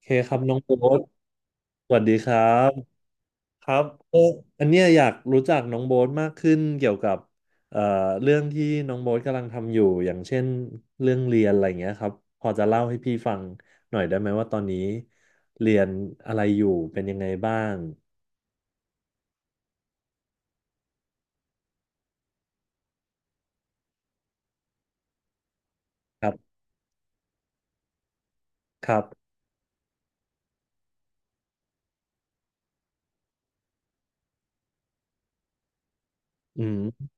เคครับน้องโบ๊ทสวัสดีครับครับอันเนี้ยอยากรู้จักน้องโบ๊ทมากขึ้นเกี่ยวกับเอ่อเรื่องที่น้องโบ๊ทกำลังทำอยู่อย่างเช่นเรื่องเรียนอะไรเงี้ยครับพอจะเล่าให้พี่ฟังหน่อยได้ไหมว่าตอนนี้เรียนอะไรอยู่เป็นยังไงบ้างครับครับอืม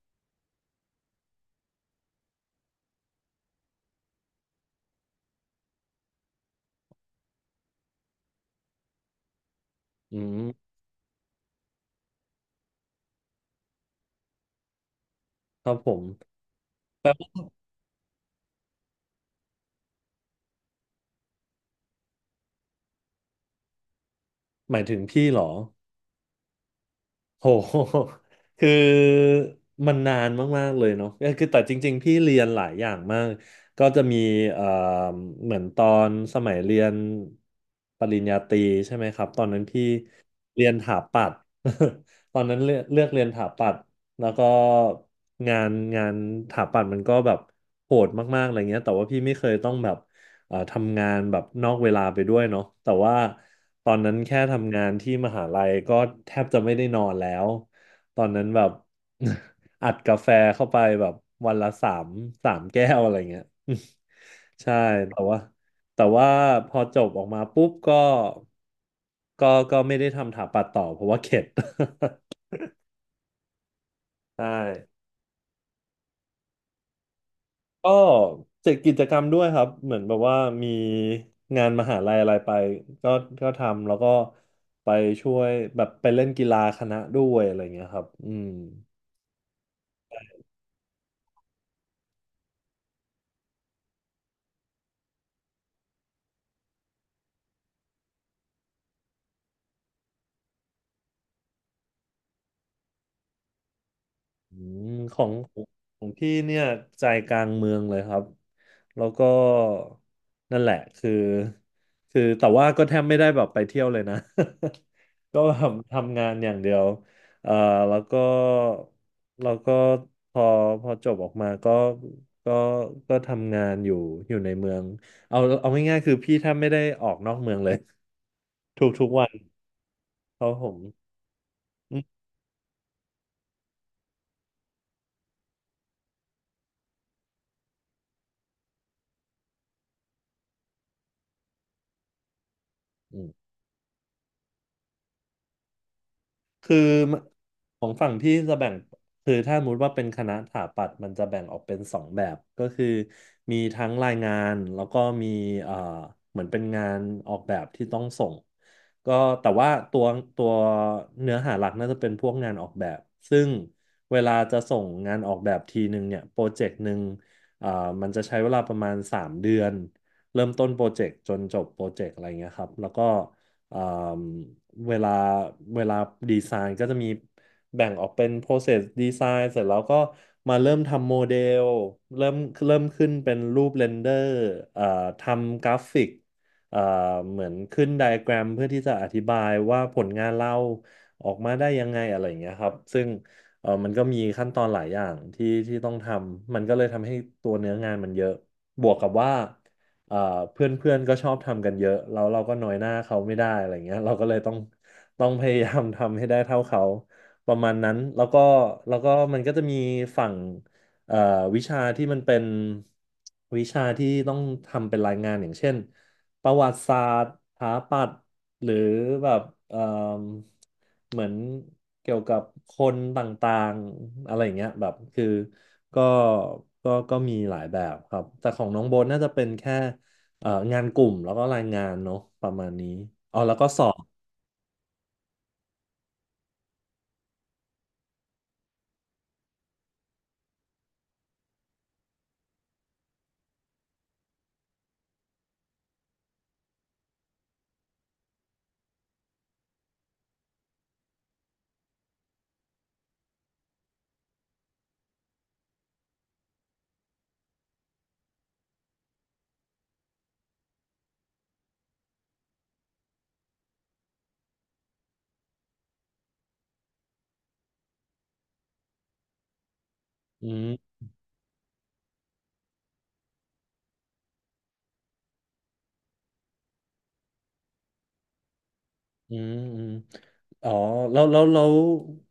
อืมครับผมหมายถึงพี่เหรอ โห คือมันนานมากๆเลยเนาะคือแต่จริงๆพี่เรียนหลายอย่างมากก็จะมีเอ่อเหมือนตอนสมัยเรียนปริญญาตรีใช่ไหมครับ ตอนนั้นพี่เรียนถาปัตย์ ตอนนั้นเลือกเรียนถาปัตย์แล้วก็งานงานถาปัตย์มันก็แบบโหดมากๆอะไรเงี้ยแต่ว่าพี่ไม่เคยต้องแบบ ทำงานแบบนอกเวลาไปด้วยเนาะแต่ว่าตอนนั้นแค่ทำงานที่มหาลัยก็แทบจะไม่ได้นอนแล้วตอนนั้นแบบ อัดกาแฟเข้าไปแบบวันละสามแก้วอะไรเงี้ย ใช่แต่ว่าแต่ว่าพอจบออกมาปุ๊บก็ก็ไม่ได้ทำถาปัดต่อเพราะว่าเข็ด ใช่ ก็เจ็ดกิจกรรมด้วยครับเหมือนแบบว่ามีงานมหาลัยอะไรไปก็ก็ทำแล้วก็ไปช่วยแบบไปเล่นกีฬาคณะด้วยอะไรเงี้ยครับอืม อืมของของพี่เนี่ยใจกลางเมืองเลยครับแล้วก็นั่นแหละคือแต่ว่าก็แทบไม่ได้แบบไปเที่ยวเลยนะ ก็แบบทำงานอย่างเดียวเอ่อแล้วก็แล้วก็พอพอจบออกมาก็ก็ก็ทำงานอยู่อยู่ในเมืองเอาง่ายๆคือพี่แทบไม่ได้ออกนอกเมืองเลย ทุกๆวันเพราะผมอืม คือของฝั่งพี่จะแบ่งคือถ้าสมมติว่าเป็นคณะสถาปัตย์มันจะแบ่งออกเป็นสองแบบก็คือมีทั้งรายงานแล้วก็มีเอ่อเหมือนเป็นงานออกแบบที่ต้องส่งก็แต่ว่าตัวเนื้อหาหลักน่าจะเป็นพวกงานออกแบบซึ่งเวลาจะส่งงานออกแบบทีหนึ่งเนี่ยโปรเจกต์หนึ่งเอ่อมันจะใช้เวลาประมาณ3เดือนเริ่มต้นโปรเจกต์จนจบโปรเจกต์อะไรเงี้ยครับแล้วก็ เอ่อเวลาเวลาดีไซน์ก็จะมีแบ่งออกเป็น process design เสร็จแล้วก็มาเริ่มทำโมเดลเริ่มเริ่มขึ้นเป็นรูปเรนเดอร์เอ่อทำกราฟิกเอ่อเหมือนขึ้นไดอะแกรมเพื่อที่จะอธิบายว่าผลงานเราออกมาได้ยังไงอะไรอย่างเงี้ยครับซึ่งเออมันก็มีขั้นตอนหลายอย่างที่ต้องทำมันก็เลยทำให้ตัวเนื้องานมันเยอะบวกกับว่า เอ่อเพื่อนเพื่อนก็ชอบทำกันเยอะแล้วเราก็น้อยหน้าเขาไม่ได้อะไรเงี้ยเราก็เลยต้องพยายาม ทำให้ได้เท่าเขาประมาณนั้นแล้วก็มันก็จะมีฝั่งเอ่อวิชาที่มันเป็นวิชาที่ต้องทำเป็นรายงานอย่างเช่นประวัติศาสตร์สถาปัตย์หรือแบบเอ่มเหมือนเกี่ยวกับคนต่างๆอะไรอย่างเงี้ยแบบคือก็ก็มีหลายแบบครับแต่ของน้องโบนน่าจะเป็นแค่ งานกลุ่มแล้วก็รายงานเนาะประมาณนี้อ๋อแล้วก็สอบอืมอืมอืมอ๋อแล้ว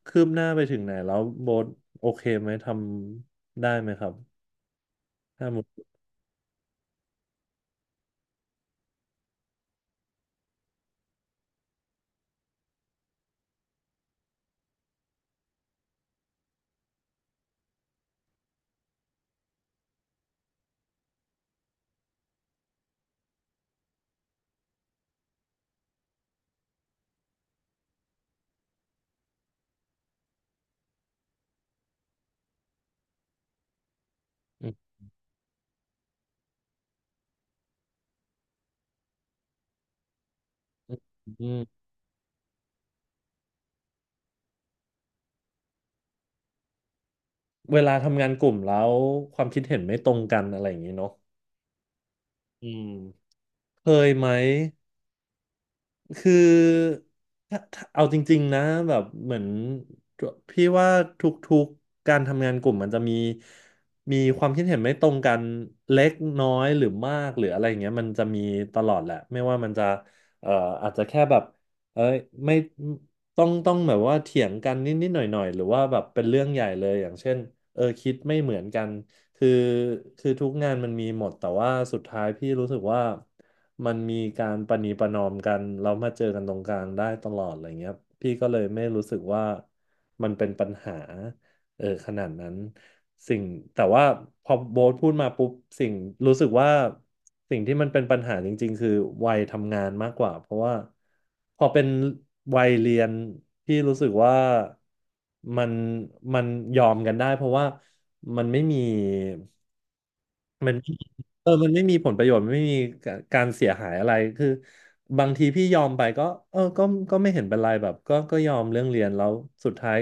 คืบหน้าไปถึงไหนแล้วโบทโอเคไหมทำได้ไหมครับถ้าหมดอืมอืมอืมเวลาทำงานกลุ่มแล้วความคิดเห็นไม่ตรงกันอะไรอย่างนี้เนาะอืมเคยไหม คือถ้าเอาจริงๆนะแบบเหมือนพี่ว่าทุกๆการทำงานกลุ่มมันจะมีมีความคิดเห็นไม่ตรงกันเล็กน้อยหรือมากหรืออะไรอย่างเงี้ยมันจะมีตลอดแหละไม่ว่ามันจะเอ่ออาจจะแค่แบบเอ้ยไม่ต้องแบบว่าเถียงกันนิดๆหน่อยๆหรือว่าแบบเป็นเรื่องใหญ่เลยอย่างเช่นเออคิดไม่เหมือนกัน คือคือทุกงานมันมีหมดแต่ว่าสุดท้ายพี่รู้สึกว่ามันมีการประนีประนอมกันแล้วมาเจอกันตรงกลางได้ตลอดอะไรเงี้ยพี่ก็เลยไม่รู้สึกว่ามันเป็นปัญหาเออขนาดนั้น สิ่งแต่ว่าพอโบ๊ทพูดมาปุ๊บสิ่งรู้สึกว่าสิ่งที่มันเป็นปัญหาจริงๆคือวัยทำงานมากกว่าเพราะว่าพอเป็นวัยเรียนพี่รู้สึกว่ามันมันยอมกันได้เพราะว่ามันไม่มี เออมันไม่มีผลประโยชน์ไม่มีการเสียหายอะไร คือบางทีพี่ยอมไปก็เออก็ก็ไม่เห็นเป็นไรแบบก็ยอมเรื่องเรียนแล้วสุดท้าย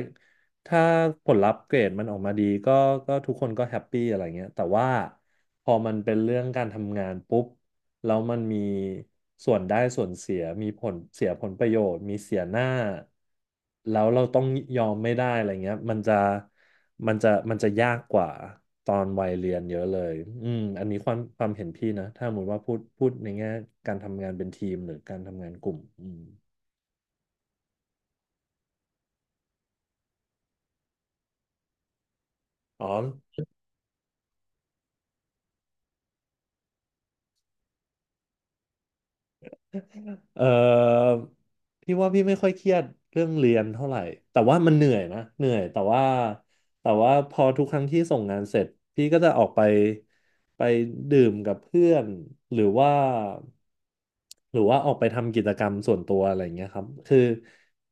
ถ้าผลลัพธ์เกรดมันออกมาดีก็ก็ทุกคนก็แฮปปี้อะไรเงี้ยแต่ว่าพอมันเป็นเรื่องการทำงานปุ๊บ แล้วมันมีส่วนได้ส่วนเสียมีผลเสียผลประโยชน์มีเสียหน้าแล้วเราต้องยอมไม่ได้อะไรเงี้ยมันจะยากกว่าตอนวัยเรียนเยอะเลยอืมอันนี้ความเห็นพี่นะถ้าสมมติว่าพูดในแง่การทำงานเป็นทีมหรือการทำงานกลุ่มอืมอ๋อ เออพี่ว่าพี่ไม่ค่อยเครียดเรื่องเรียนเท่าไหร่แต่ว่ามันเหนื่อยนะเหนื่อยแต่ว่าพอทุกครั้งที่ส่งงานเสร็จพี่ก็จะออกไปไปดื่มกับเพื่อนหรือว่าออกไปทำกิจกรรมส่วนตัวอะไรอย่างเงี้ยครับคือ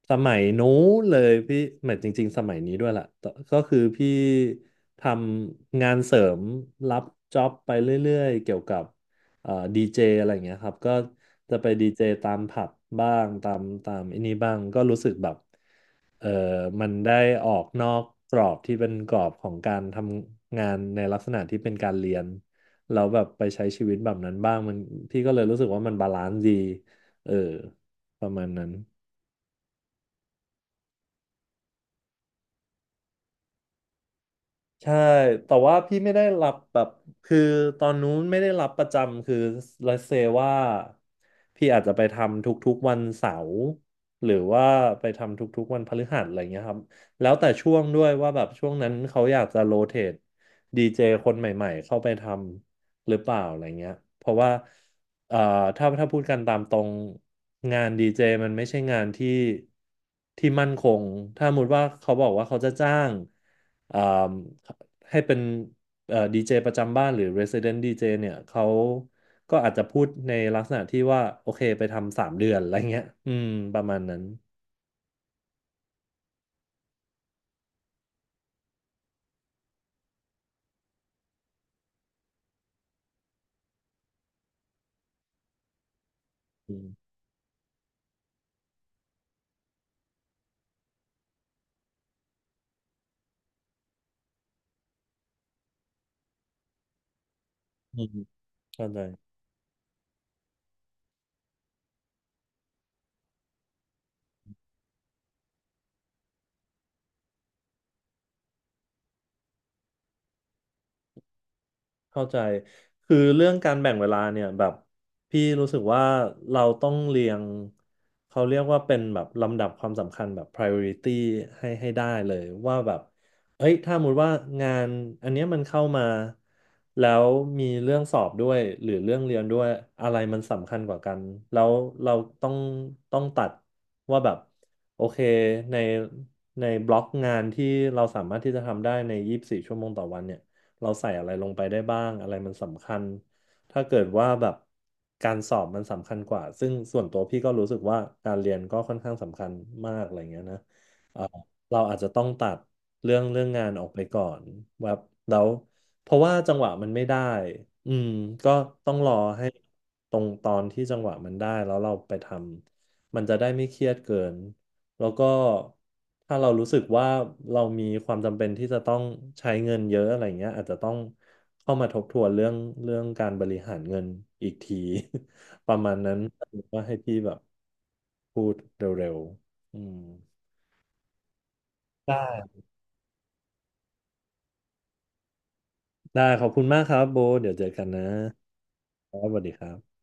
สมัยนู้นเลยพี่หมายจริงๆสมัยนี้ด้วยแหละแต่ก็คือพี่ทำงานเสริมรับจ็อบไปเรื่อยๆเกี่ยวกับ ดีเจอะไรอย่างเงี้ยครับก็จะไปดีเจตามผับบ้างตามไอันนี้บ้างก็รู้สึกแบบเออมันได้ออกนอกกรอบที่เป็นกรอบของการทำงานในลักษณะที่เป็นการเรียนเราแล้วแบบไปใช้ชีวิตแบบนั้นบ้างมันพี่ก็เลยรู้สึกว่ามันบาลานซ์ดีเออประมาณนั้น ใช่ แต่ว่าพี่ไม่ได้รับแบบคือตอนนู้นไม่ได้รับประจำ คือ let's say ว่าพี่อาจจะไปทำทุกๆวันเสาร์หรือว่าไปทำทุกๆวันพฤหัสอะไรเงี้ยครับ แล้วแต่ช่วงด้วยว่าแบบช่วงนั้นเขาอยากจะโรเตทดีเจคนใหม่ๆเข้าไปทำ หรือเปล่าอะไรเงี้ย เพราะว่าเอ่อถ้าพูดกันตามตรงงานดีเจมันไม่ใช่งานที่มั่นคงถ้าสมมติว่าเขาบอกว่าเขาจะจ้างเอ่มให้เป็นดีเจประจำบ้านหรือ Resident DJ เจเนี่ยเขาก็อาจจะพูดในลักษณะที่ว่า โอเคไปทำ3 เดือน อะไรเงี้ยอืมประมาณนั้นอืมอืมเข้าใจ เข้าใจคือเรื่องการแบ่งเวลาเนี่ยแบบพี่รู้สึกว่าเราต้องเรียงเขาเรียกว่าเป็นแบบลำดับความสำคัญแบบ priority ให้ได้เลยว่าแบบเอ้ยถ้าสมมติว่างานอันเนี้ยมันเข้ามาแล้วมีเรื่องสอบด้วยหรือเรื่องเรียนด้วยอะไรมันสำคัญกว่ากันแล้วเราต้องต้องตัดว่าแบบโอเคในในบล็อกงานที่เราสามารถที่จะทำได้ใน24ชั่วโมงต่อวันเนี่ย เราใส่อะไรลงไปได้บ้างอะไรมันสำคัญ ถ้าเกิดว่าแบบการสอบมันสำคัญกว่า ซึ่งส่วนตัวพี่ก็รู้สึกว่าการเรียนก็ค่อนข้างสำคัญมากอะไรเงี้ยนะ เราอาจจะต้องตัดเรื่องงานออกไปก่อนแบบแล้วเพราะว่าจังหวะมันไม่ได้อืมก็ต้องรอให้ตรงตอนที่จังหวะมันได้แล้วเราไปทำมันจะได้ไม่เครียดเกินแล้วก็ถ้าเรารู้สึกว่าเรามีความจำเป็นที่จะต้องใช้เงินเยอะอะไรเงี้ยอาจจะต้องเข้ามาทบทวนเรื่องการบริหารเงินอีกที ประมาณนั้นว่าให้พี่แบบพูดเร็วๆอืมได้ ได้ขอบคุณมากครับโบเดี๋ยวเจอกันนะครับสวัสดีครับ